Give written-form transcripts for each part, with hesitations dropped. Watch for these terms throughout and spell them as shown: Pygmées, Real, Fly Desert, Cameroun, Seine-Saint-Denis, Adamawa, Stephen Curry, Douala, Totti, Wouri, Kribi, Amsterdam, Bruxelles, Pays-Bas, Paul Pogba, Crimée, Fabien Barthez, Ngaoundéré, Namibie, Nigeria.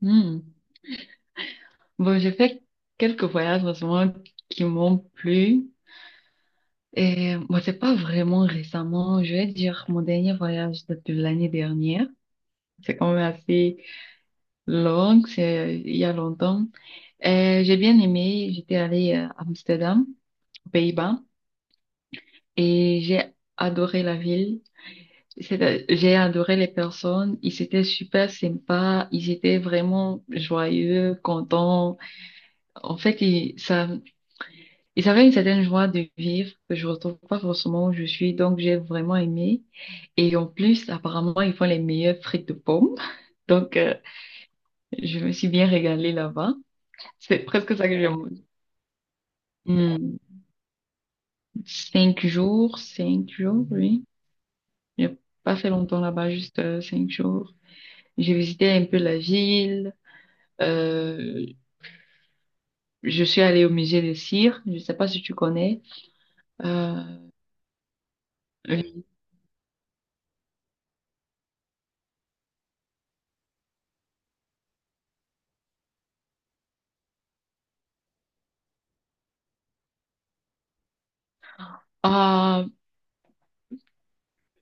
Hmm. Bon, j'ai fait quelques voyages récemment qui m'ont plu. Et moi c'est pas vraiment récemment. Je vais dire mon dernier voyage date de l'année dernière. C'est quand même assez long, c'est il y a longtemps. Et j'ai bien aimé. J'étais allée à Amsterdam, aux Pays-Bas, et j'ai adoré la ville. J'ai adoré les personnes. Ils étaient super sympas. Ils étaient vraiment joyeux, contents. En fait, et ça fait une certaine joie de vivre que je retrouve pas forcément où je suis. Donc, j'ai vraiment aimé. Et en plus, apparemment, ils font les meilleures frites de pommes. Donc, je me suis bien régalée là-bas. C'est presque ça que j'ai mangé. Hmm, cinq jours, oui. J'ai pas fait longtemps là-bas, juste cinq jours. J'ai visité un peu la ville. Euh, je suis allée au musée de cire. Je sais pas si tu connais. Euh, ah,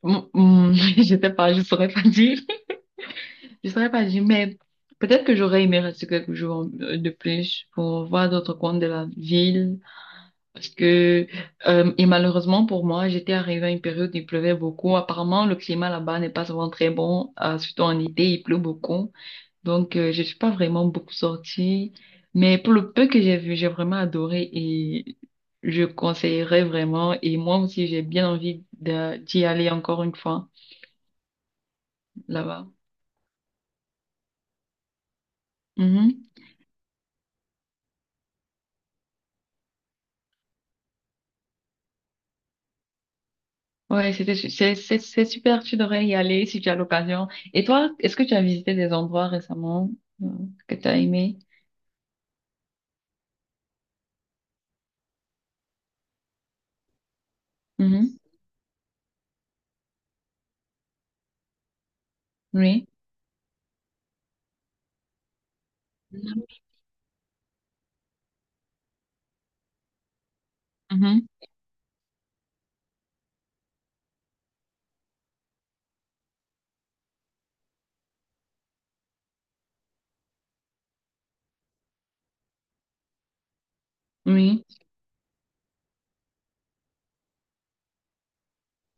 mm, mm, je sais pas, je saurais pas dire. Je saurais pas dire, mais peut-être que j'aurais aimé rester quelques jours de plus pour voir d'autres coins de la ville. Parce que, et malheureusement pour moi, j'étais arrivée à une période où il pleuvait beaucoup. Apparemment, le climat là-bas n'est pas souvent très bon, surtout en été, il pleut beaucoup. Donc, je suis pas vraiment beaucoup sortie. Mais pour le peu que j'ai vu, j'ai vraiment adoré et je conseillerais vraiment. Et moi aussi, j'ai bien envie d'y aller encore une fois là-bas. Mm-hmm. Ouais, c'était, su- c'est super, tu devrais y aller si tu as l'occasion. Et toi, est-ce que tu as visité des endroits récemment euh, que tu as aimé? Mhm. Oui. Mhm. Oui.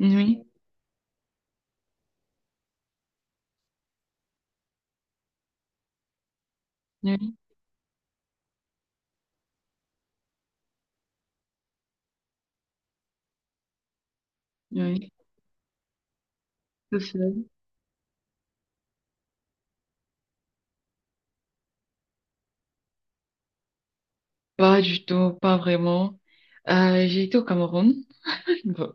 Oui. Oui. Oui. Tout seul. Pas du tout, pas vraiment. J'ai été au Cameroun. Bon,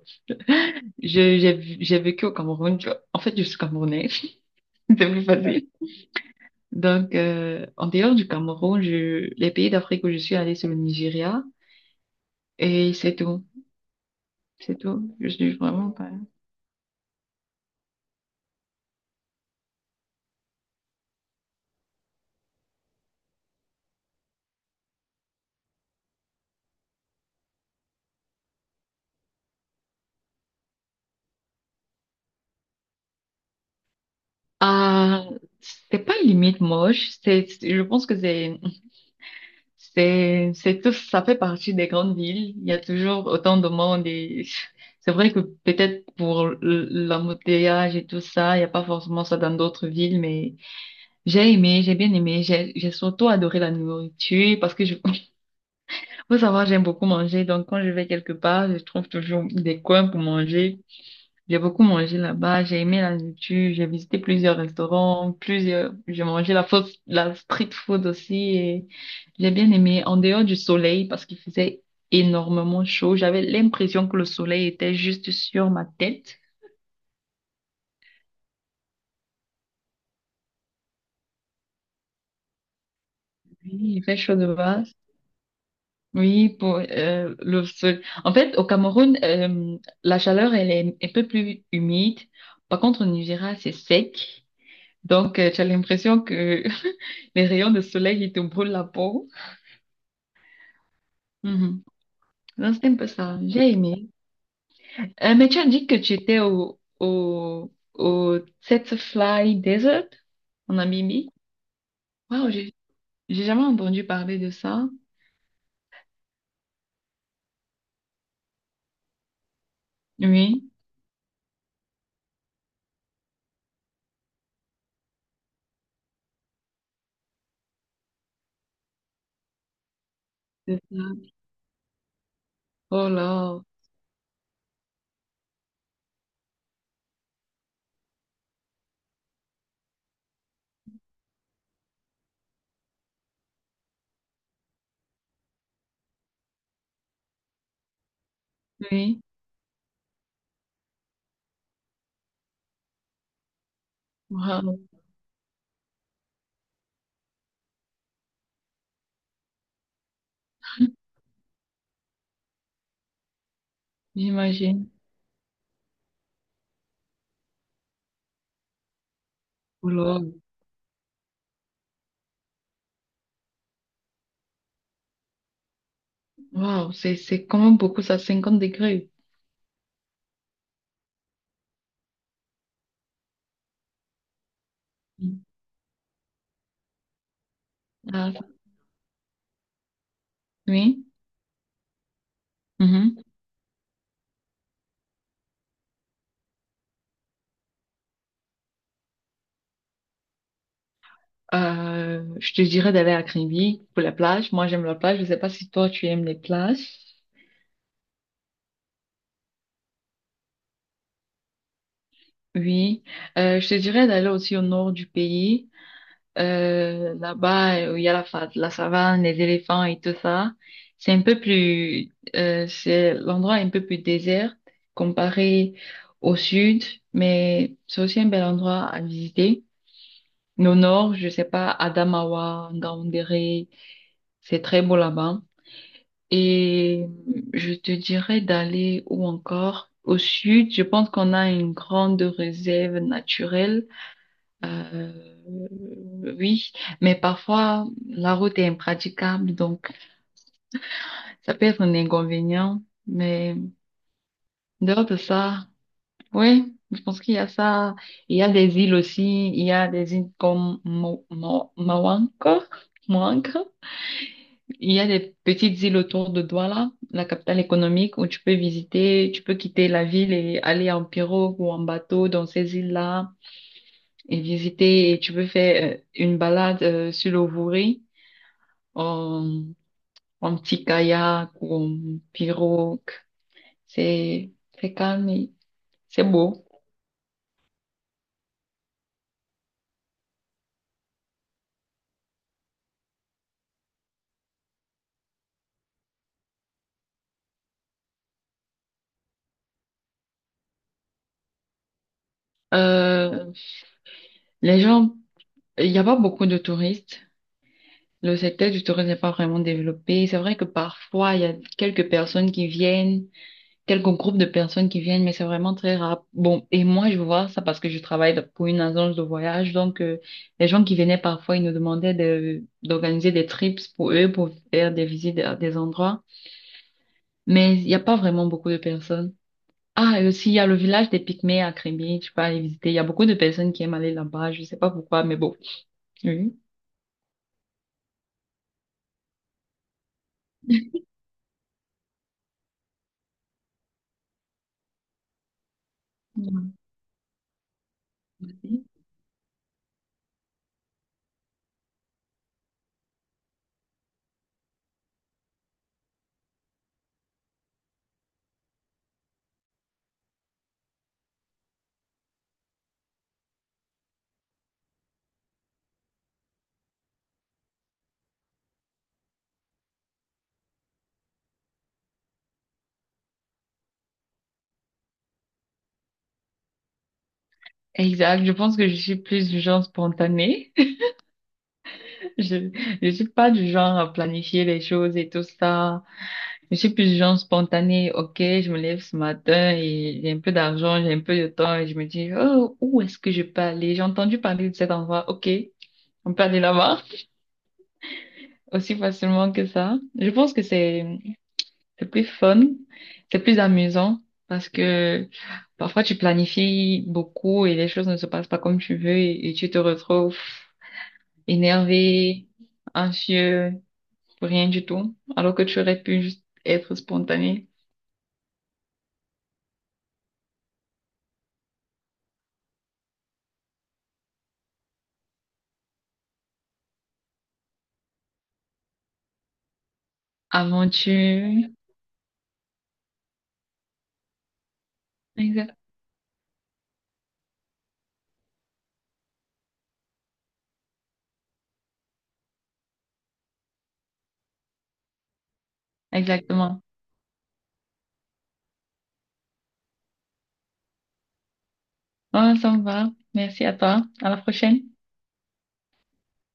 j'ai vécu au Cameroun, tu vois. En fait, je suis camerounaise. C'est plus facile. Donc, en dehors du Cameroun, les pays d'Afrique où je suis allée, c'est le Nigeria. Et c'est tout. C'est tout. Je suis vraiment. Ah, c'est pas une limite moche, je pense que c'est tout, ça fait partie des grandes villes. Il y a toujours autant de monde et c'est vrai que peut-être pour l'embouteillage et tout ça, il n'y a pas forcément ça dans d'autres villes, mais j'ai aimé, j'ai bien aimé, j'ai surtout adoré la nourriture parce que faut savoir, j'aime beaucoup manger, donc quand je vais quelque part, je trouve toujours des coins pour manger. J'ai beaucoup mangé là-bas, j'ai aimé la nourriture, j'ai visité plusieurs restaurants, plusieurs, j'ai mangé la fausse, la street food aussi et j'ai bien aimé en dehors du soleil parce qu'il faisait énormément chaud. J'avais l'impression que le soleil était juste sur ma tête. Oui, il fait chaud de base. Oui, pour le sol. En fait, au Cameroun, la chaleur, elle est un peu plus humide. Par contre, au Nigeria, c'est sec. Donc, tu as l'impression que les rayons de soleil, ils te brûlent la peau. Mhm. Non, c'était un peu ça. J'ai aimé. Mais tu as dit que tu étais au Fly Desert en Namibie. Waouh, j'ai jamais entendu parler de ça. Oui, c'est ça. Oh là, oui. Waouh, j'imagine. Oh là. Waouh, c'est quand même beaucoup ça, 50 degrés. Mm. Ah, oui. Mhm. Je te dirais d'aller à Kribi pour la plage. Moi, j'aime la plage. Je sais pas si toi, tu aimes les plages. Oui, je te dirais d'aller aussi au nord du pays. Là-bas, il y a la savane, les éléphants et tout ça. C'est l'endroit est un peu plus désert comparé au sud, mais c'est aussi un bel endroit à visiter. Mais au nord, je sais pas, Adamawa, Ngaoundéré, c'est très beau là-bas. Et je te dirais d'aller ou encore? Au sud, je pense qu'on a une grande réserve naturelle euh, oui, mais parfois la route est impraticable, donc ça peut être un inconvénient. Mais dehors de ça, oui, je pense qu'il y a ça. Il y a des îles aussi. Il y a des îles comme Moanca. Moanca. Il y a des petites îles autour de Douala, la capitale économique, où tu peux visiter, tu peux quitter la ville et aller en pirogue ou en bateau dans ces îles-là et visiter. Et tu peux faire une balade sur le Wouri en, en petit kayak ou en pirogue. C'est très calme et c'est beau. Euh, les gens, il n'y a pas beaucoup de touristes. Le secteur du tourisme n'est pas vraiment développé. C'est vrai que parfois, il y a quelques personnes qui viennent, quelques groupes de personnes qui viennent, mais c'est vraiment très rare. Bon, et moi, je vois ça parce que je travaille pour une agence de voyage. Donc, les gens qui venaient parfois, ils nous demandaient d'organiser des trips pour eux, pour faire des visites à des endroits. Mais il n'y a pas vraiment beaucoup de personnes. Ah, et aussi, il y a le village des Pygmées à Crimée, tu peux aller visiter. Il y a beaucoup de personnes qui aiment aller là-bas, je sais pas pourquoi, mais bon. Oui. Mhm. Exact, je pense que je suis plus du genre spontané. Je, je suis pas du genre à planifier les choses et tout ça. Je suis plus du genre spontané. Ok, je me lève ce matin et j'ai un peu d'argent, j'ai un peu de temps et je me dis, oh, où est-ce que je peux aller? J'ai entendu parler de cet endroit. Ok, on peut aller là-bas aussi facilement que ça. Je pense que c'est plus fun, c'est plus amusant parce que parfois tu planifies beaucoup et les choses ne se passent pas comme tu veux et tu te retrouves énervé, anxieux, pour rien du tout, alors que tu aurais pu juste être spontané. Aventure. Exact. Exactement. Ah, ça me va. Merci à toi. À la prochaine.